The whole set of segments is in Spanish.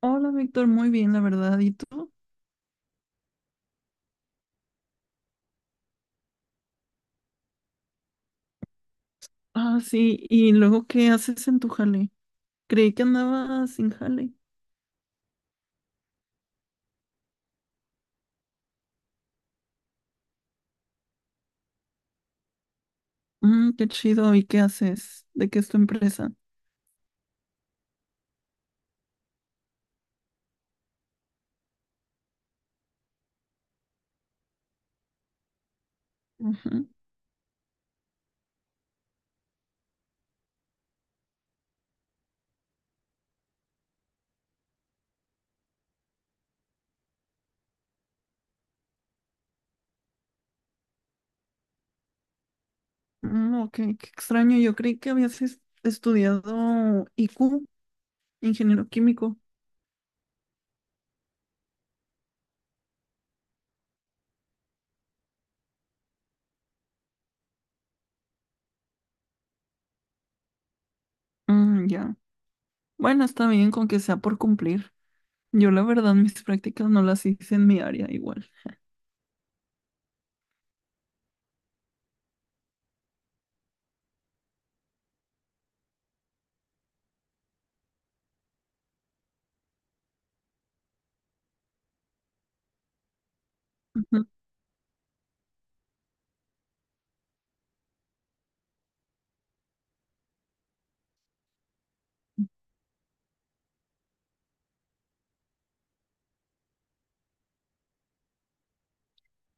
Hola, Víctor, muy bien, la verdad. ¿Y tú? Ah, sí. ¿Y luego qué haces en tu jale? Creí que andabas sin jale. Mm, qué chido. ¿Y qué haces? ¿De qué es tu empresa? Ujú. Mm, ok, qué extraño. Yo creí que habías es- estudiado IQ, ingeniero químico. Mm, ya. Bueno, está bien con que sea por cumplir. Yo la verdad mis prácticas no las hice en mi área igual. Ujú.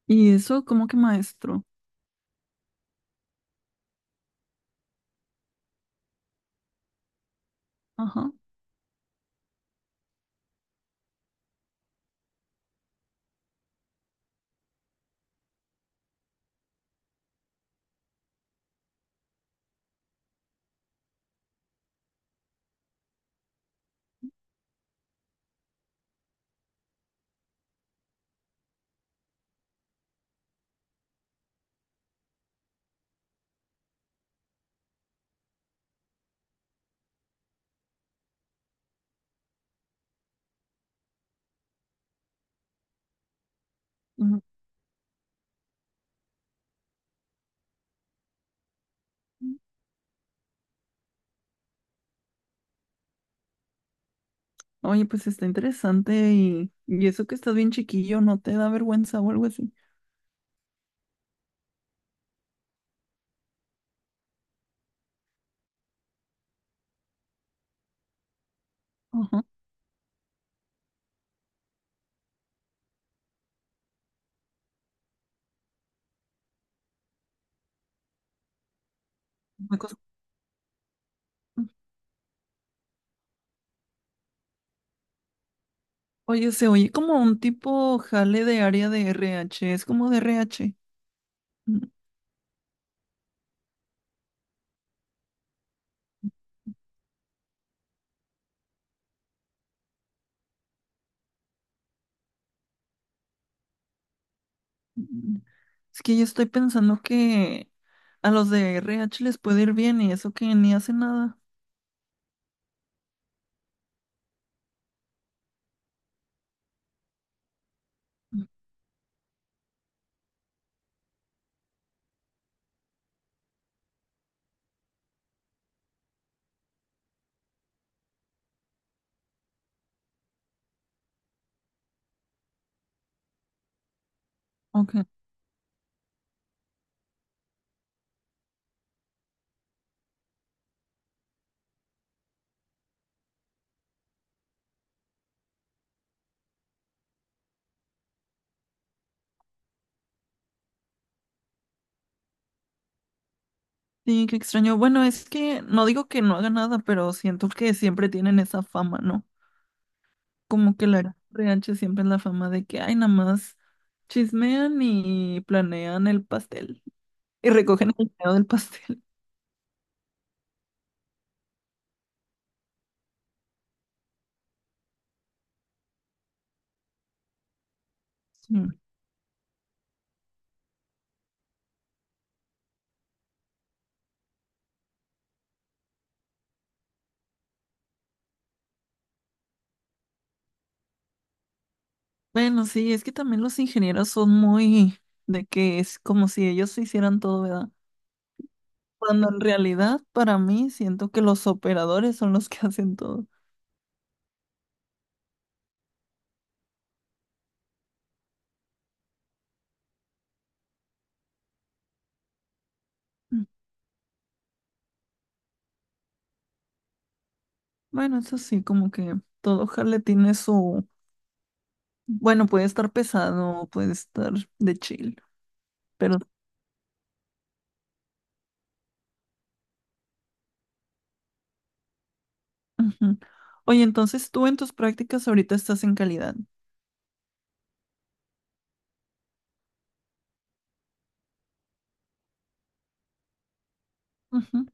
Y eso como que maestro. Ajá. Ujú. Oye, pues está interesante y eso que estás bien chiquillo, ¿no te da vergüenza o algo así? Ajá. Una cosa... Oye, se oye como un tipo jale de área de RH, es como de RH. Mm. Mm, Es que yo estoy pensando que a los de RH les puede ir bien y eso que ni hacen nada. Mm. Ok. Sí, qué extraño. Bueno, es que no digo que no haga nada, pero siento que siempre tienen esa fama, ¿no? Como que la RH siempre es la fama de que, ay, nada más chismean y planean el pastel y recogen el dinero del pastel. Sí. Bueno, sí, es que también los ingenieros son muy de que es como si ellos hicieran todo, ¿verdad? Cuando en realidad para mí siento que los operadores son los que hacen todo. Mm. Bueno, eso sí, como que todo jale tiene su... Bueno, puede estar pesado, puede estar de chill, pero... Ujú. Oye, entonces tú en tus prácticas ahorita estás en calidad. Ujú.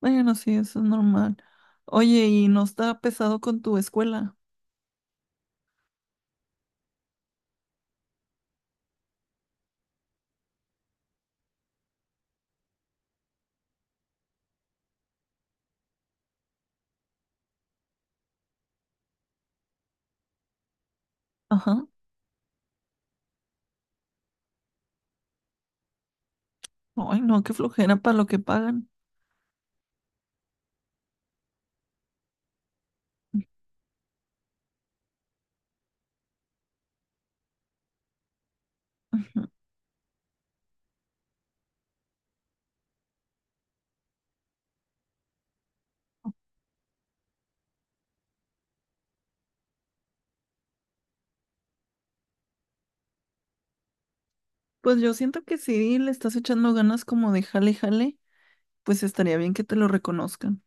Bueno, sí, eso es normal. Oye, ¿y no está pesado con tu escuela? Ajá. Ay, no, qué flojera para lo que pagan. Ujú. Pues yo siento que si le estás echando ganas como de jale, jale, pues estaría bien que te lo reconozcan.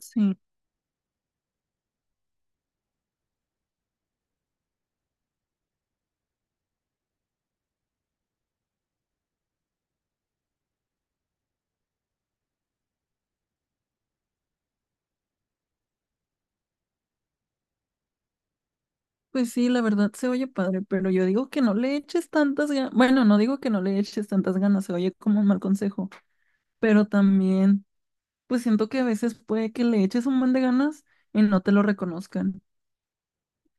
Sí, pues sí, la verdad se oye padre, pero yo digo que no le eches tantas ganas. Bueno, no digo que no le eches tantas ganas, se oye como un mal consejo, pero también, pues siento que a veces puede que le eches un buen de ganas y no te lo reconozcan.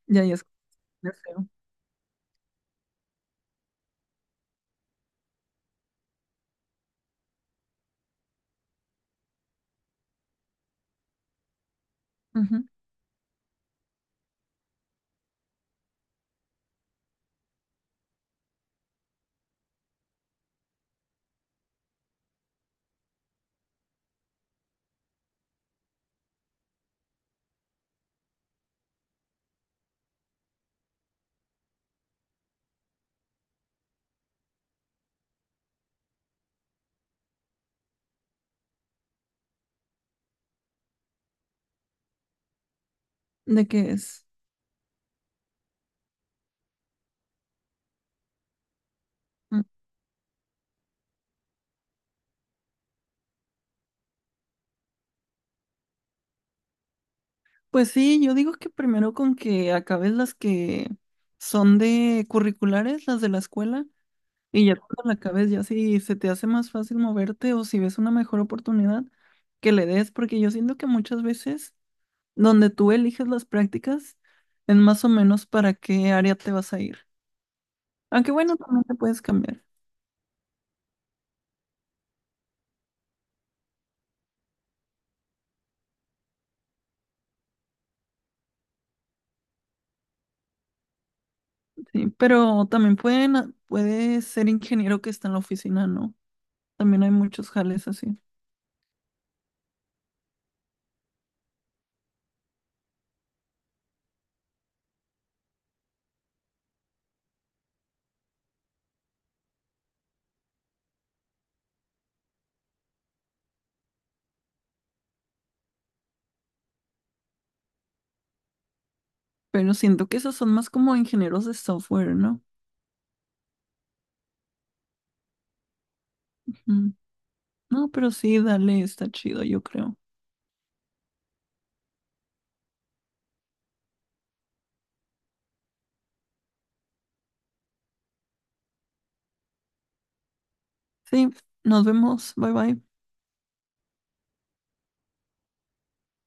Ya es de feo. Ujú. ¿De qué es? Mm. Pues sí, yo digo que primero con que acabes las que son de curriculares, las de la escuela, y ya cuando la cabeza ya si se te hace más fácil moverte o si ves una mejor oportunidad, que le des, porque yo siento que muchas veces donde tú eliges las prácticas es más o menos para qué área te vas a ir. Aunque bueno, también te puedes cambiar, sí, pero también pueden, a- puedes ser ingeniero que está en la oficina, ¿no? También hay muchos jales así, pero siento que esos son más como ingenieros de software, ¿no? Mm, no, pero sí, dale, está chido, yo creo. Sí, nos vemos, bye bye.